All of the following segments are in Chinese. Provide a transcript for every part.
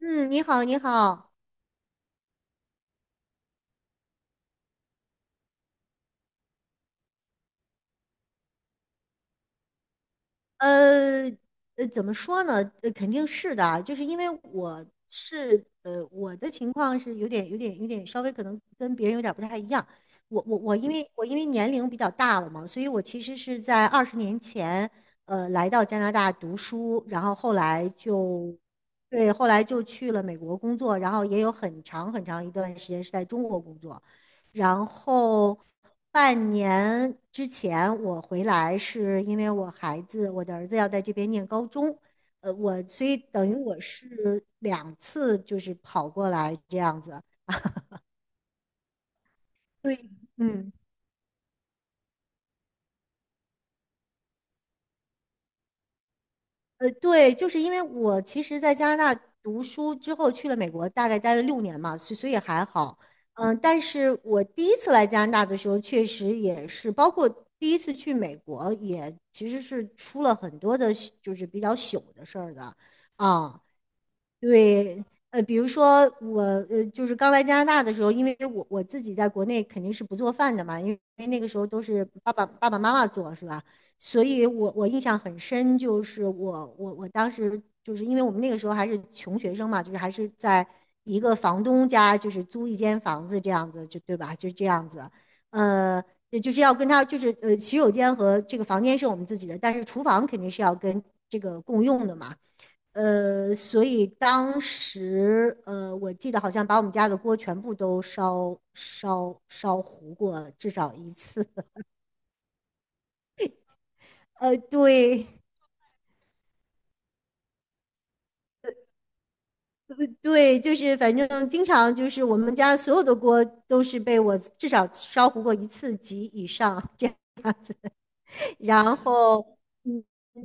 嗯，你好，你好，呃，怎么说呢？肯定是的啊，就是因为我是，我的情况是有点稍微可能跟别人有点不太一样。我因为年龄比较大了嘛，所以我其实是在20年前，来到加拿大读书，然后后来就，对，后来就去了美国工作，然后也有很长很长一段时间是在中国工作。然后半年之前我回来，是因为我孩子，我的儿子要在这边念高中，所以等于我是两次就是跑过来这样子。对。嗯。对，就是因为我其实，在加拿大读书之后去了美国，大概待了6年嘛，所以还好。嗯，但是我第一次来加拿大的时候，确实也是，包括第一次去美国，也其实是出了很多的，就是比较糗的事儿的啊。对。比如说我，就是刚来加拿大的时候，因为我自己在国内肯定是不做饭的嘛，因为那个时候都是爸爸妈妈做，是吧？所以我印象很深，就是我当时就是因为我们那个时候还是穷学生嘛，就是还是在一个房东家，就是租一间房子这样子，就对吧？就这样子，呃，也就是要跟他就是洗手间和这个房间是我们自己的，但是厨房肯定是要跟这个共用的嘛。所以当时，我记得好像把我们家的锅全部都烧糊过，至少一次。对对，就是反正经常就是我们家所有的锅都是被我至少烧糊过一次及以上。这样。然后，嗯，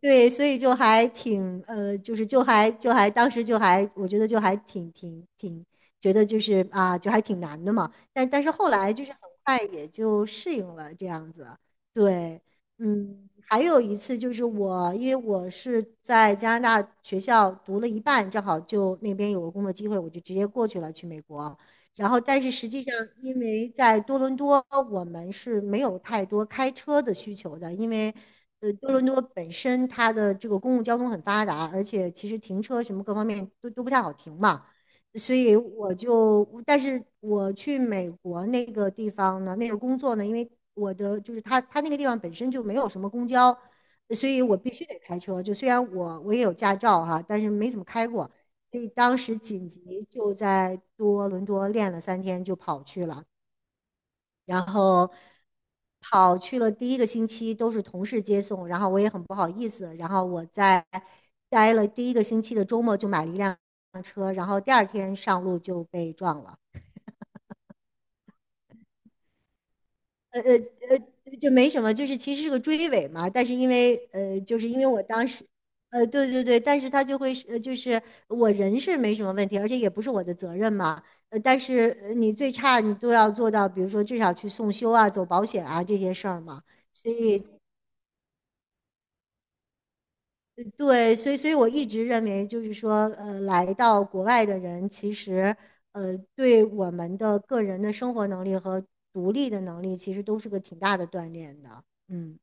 对，所以就还挺，就是就还就还当时就还，我觉得就还挺，觉得就是啊，就还挺难的嘛。但是后来就是很快也就适应了这样子。对。嗯。还有一次就是我，因为我是在加拿大学校读了一半，正好就那边有个工作机会，我就直接过去了，去美国。然后，但是实际上，因为在多伦多，我们是没有太多开车的需求的，因为，多伦多本身它的这个公共交通很发达，而且其实停车什么各方面都不太好停嘛，所以我就，但是我去美国那个地方呢，那个工作呢，因为我的就是他那个地方本身就没有什么公交，所以我必须得开车，就虽然我也有驾照哈，但是没怎么开过。所以当时紧急就在多伦多练了3天，就跑去了，然后跑去了第一个星期都是同事接送，然后我也很不好意思，然后我在待了第一个星期的周末就买了一辆车，然后第二天上路就被撞了。就没什么，就是其实是个追尾嘛，但是因为就是因为我当时，对对对，但是他就会是就是我人是没什么问题，而且也不是我的责任嘛，但是你最差你都要做到，比如说至少去送修啊、走保险啊这些事儿嘛，所以对，所以我一直认为就是说，来到国外的人其实对我们的个人的生活能力和独立的能力其实都是个挺大的锻炼的。嗯。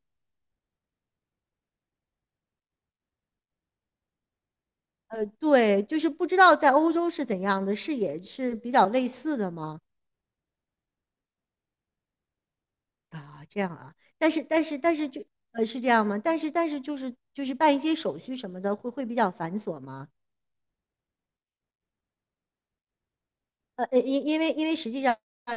对，就是不知道在欧洲是怎样的，是也是比较类似的吗？啊，这样啊，但是就是这样吗？但是就是办一些手续什么的，会比较繁琐吗？因为实际上，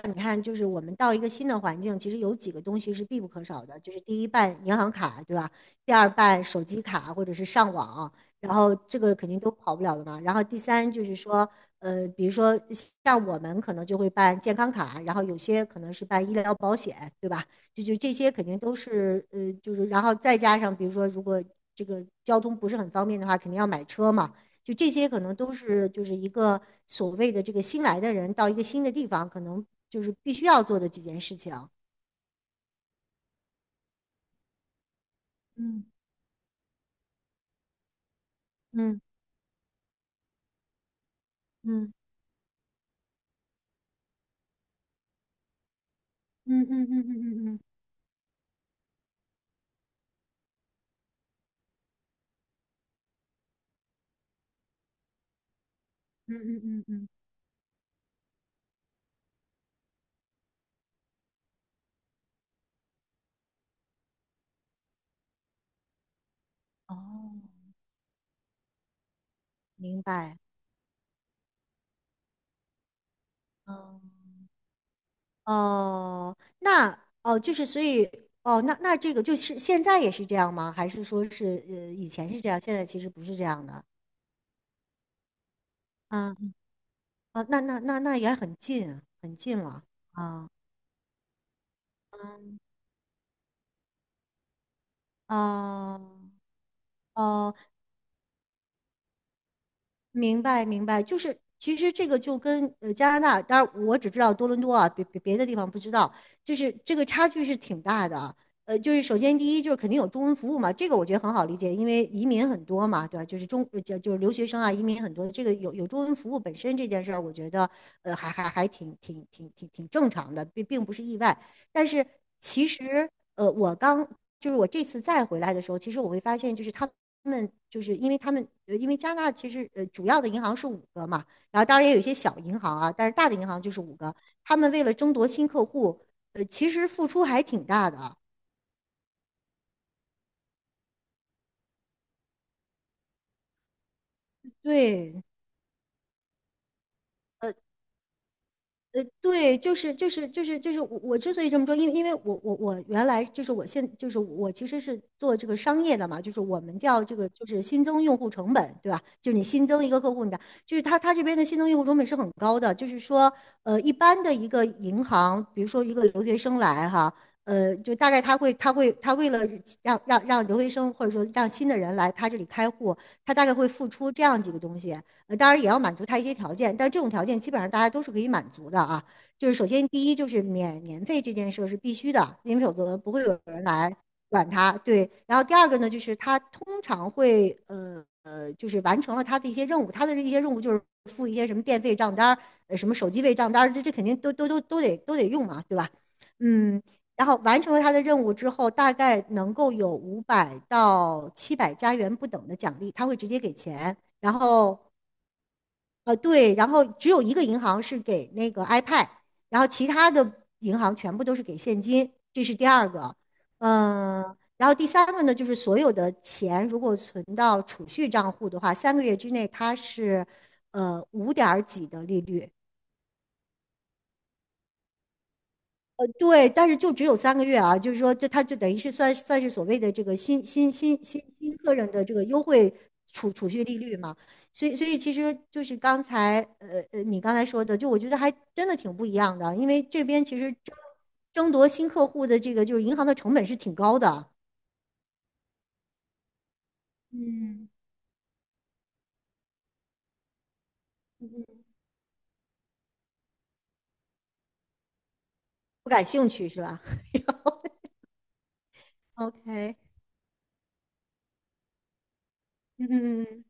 你看，就是我们到一个新的环境，其实有几个东西是必不可少的，就是第一办银行卡，对吧？第二办手机卡或者是上网，然后这个肯定都跑不了的嘛。然后第三就是说，比如说像我们可能就会办健康卡，然后有些可能是办医疗保险，对吧？就这些肯定都是就是然后再加上比如说如果这个交通不是很方便的话，肯定要买车嘛。就这些可能都是就是一个所谓的这个新来的人到一个新的地方，可能就是必须要做的几件事情。嗯嗯嗯嗯嗯嗯嗯嗯嗯嗯嗯嗯嗯，哦，明白。哦哦，那哦，就是所以哦，那这个就是现在也是这样吗？还是说是以前是这样，现在其实不是这样的？啊啊，那也很近，很近了啊啊哦，哦明白，明白，就是其实这个就跟加拿大，当然我只知道多伦多啊，别的地方不知道，就是这个差距是挺大的啊。就是首先第一就是肯定有中文服务嘛，这个我觉得很好理解，因为移民很多嘛，对吧？就是就是留学生啊，移民很多，这个有中文服务本身这件事儿，我觉得还挺正常的，并不是意外。但是其实呃我刚就是我这次再回来的时候，其实我会发现就是他们就是因为他们，因为加拿大其实主要的银行是五个嘛，然后当然也有一些小银行啊，但是大的银行就是五个。他们为了争夺新客户，其实付出还挺大的啊。对，呃对，就是我之所以这么说，因为我原来就是就是我其实是做这个商业的嘛，就是我们叫这个就是新增用户成本，对吧？就是你新增一个客户，你的就是他这边的新增用户成本是很高的，就是说一般的一个银行，比如说一个留学生来哈，就大概他为了让留学生或者说让新的人来他这里开户，他大概会付出这样几个东西，当然也要满足他一些条件，但这种条件基本上大家都是可以满足的啊。就是首先第一就是免年费这件事是必须的，因为否则不会有人来管它。对，然后第二个呢，就是他通常会就是完成了他的一些任务，他的一些任务就是付一些什么电费账单什么手机费账单这肯定都得用嘛，对吧？嗯。然后完成了他的任务之后，大概能够有500到700加元不等的奖励，他会直接给钱。然后对，然后只有一个银行是给那个 iPad，然后其他的银行全部都是给现金，这是第二个。嗯。然后第三个呢，就是所有的钱如果存到储蓄账户的话，三个月之内它是五点儿几的利率，对，但是就只有三个月啊，就是说，这他就等于是算是所谓的这个新客人的这个优惠储蓄利率嘛，所以其实就是刚才你刚才说的，就我觉得还真的挺不一样的，因为这边其实争夺新客户的这个就是银行的成本是挺高的。嗯。嗯。不感兴趣是吧？OK。嗯嗯嗯。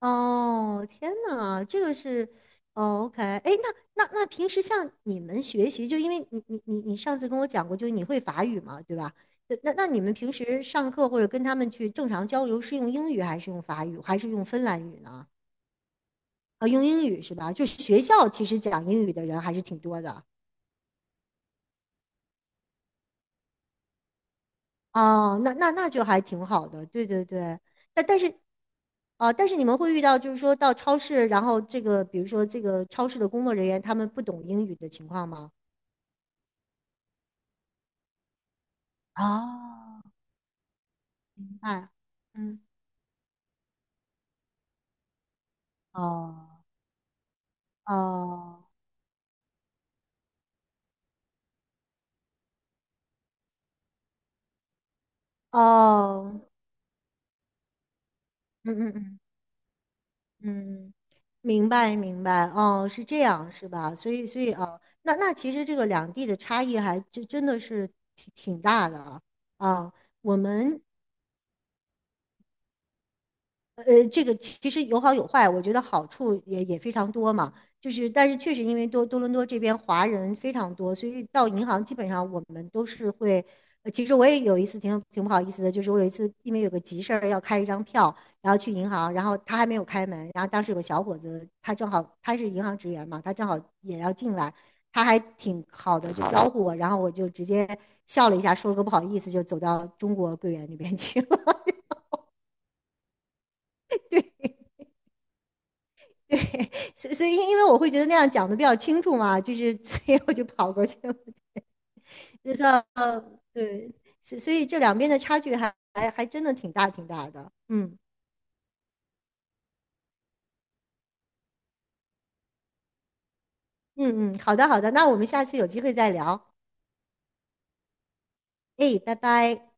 哦，天呐，这个是，哦，OK，哎，那平时像你们学习，就因为你上次跟我讲过，就是你会法语嘛，对吧？对那你们平时上课或者跟他们去正常交流，是用英语还是用法语，还是用芬兰语呢？啊，用英语是吧？就是学校其实讲英语的人还是挺多的。哦，那就还挺好的，对对对。但是啊，但是你们会遇到，就是说到超市，然后这个，比如说这个超市的工作人员他们不懂英语的情况吗？哦，明白。嗯。哦。哦。哦。嗯嗯嗯嗯，明白明白，哦，是这样是吧？所以哦，那其实这个两地的差异还真的是挺大的啊。啊，我们这个其实有好有坏，我觉得好处也非常多嘛。就是，但是确实因为多伦多这边华人非常多，所以到银行基本上我们都是会。其实我也有一次挺不好意思的，就是我有一次因为有个急事儿要开一张票，然后去银行，然后他还没有开门，然后当时有个小伙子，他正好他是银行职员嘛，他正好也要进来，他还挺好的就招呼我，然后我就直接笑了一下，说了个不好意思，就走到中国柜员那边去了。所以，因为我会觉得那样讲的比较清楚嘛，就是 所以我就跑过去了，就像对，所以这两边的差距还真的挺大挺大的。嗯嗯嗯，好的好的，那我们下次有机会再聊。哎，拜拜。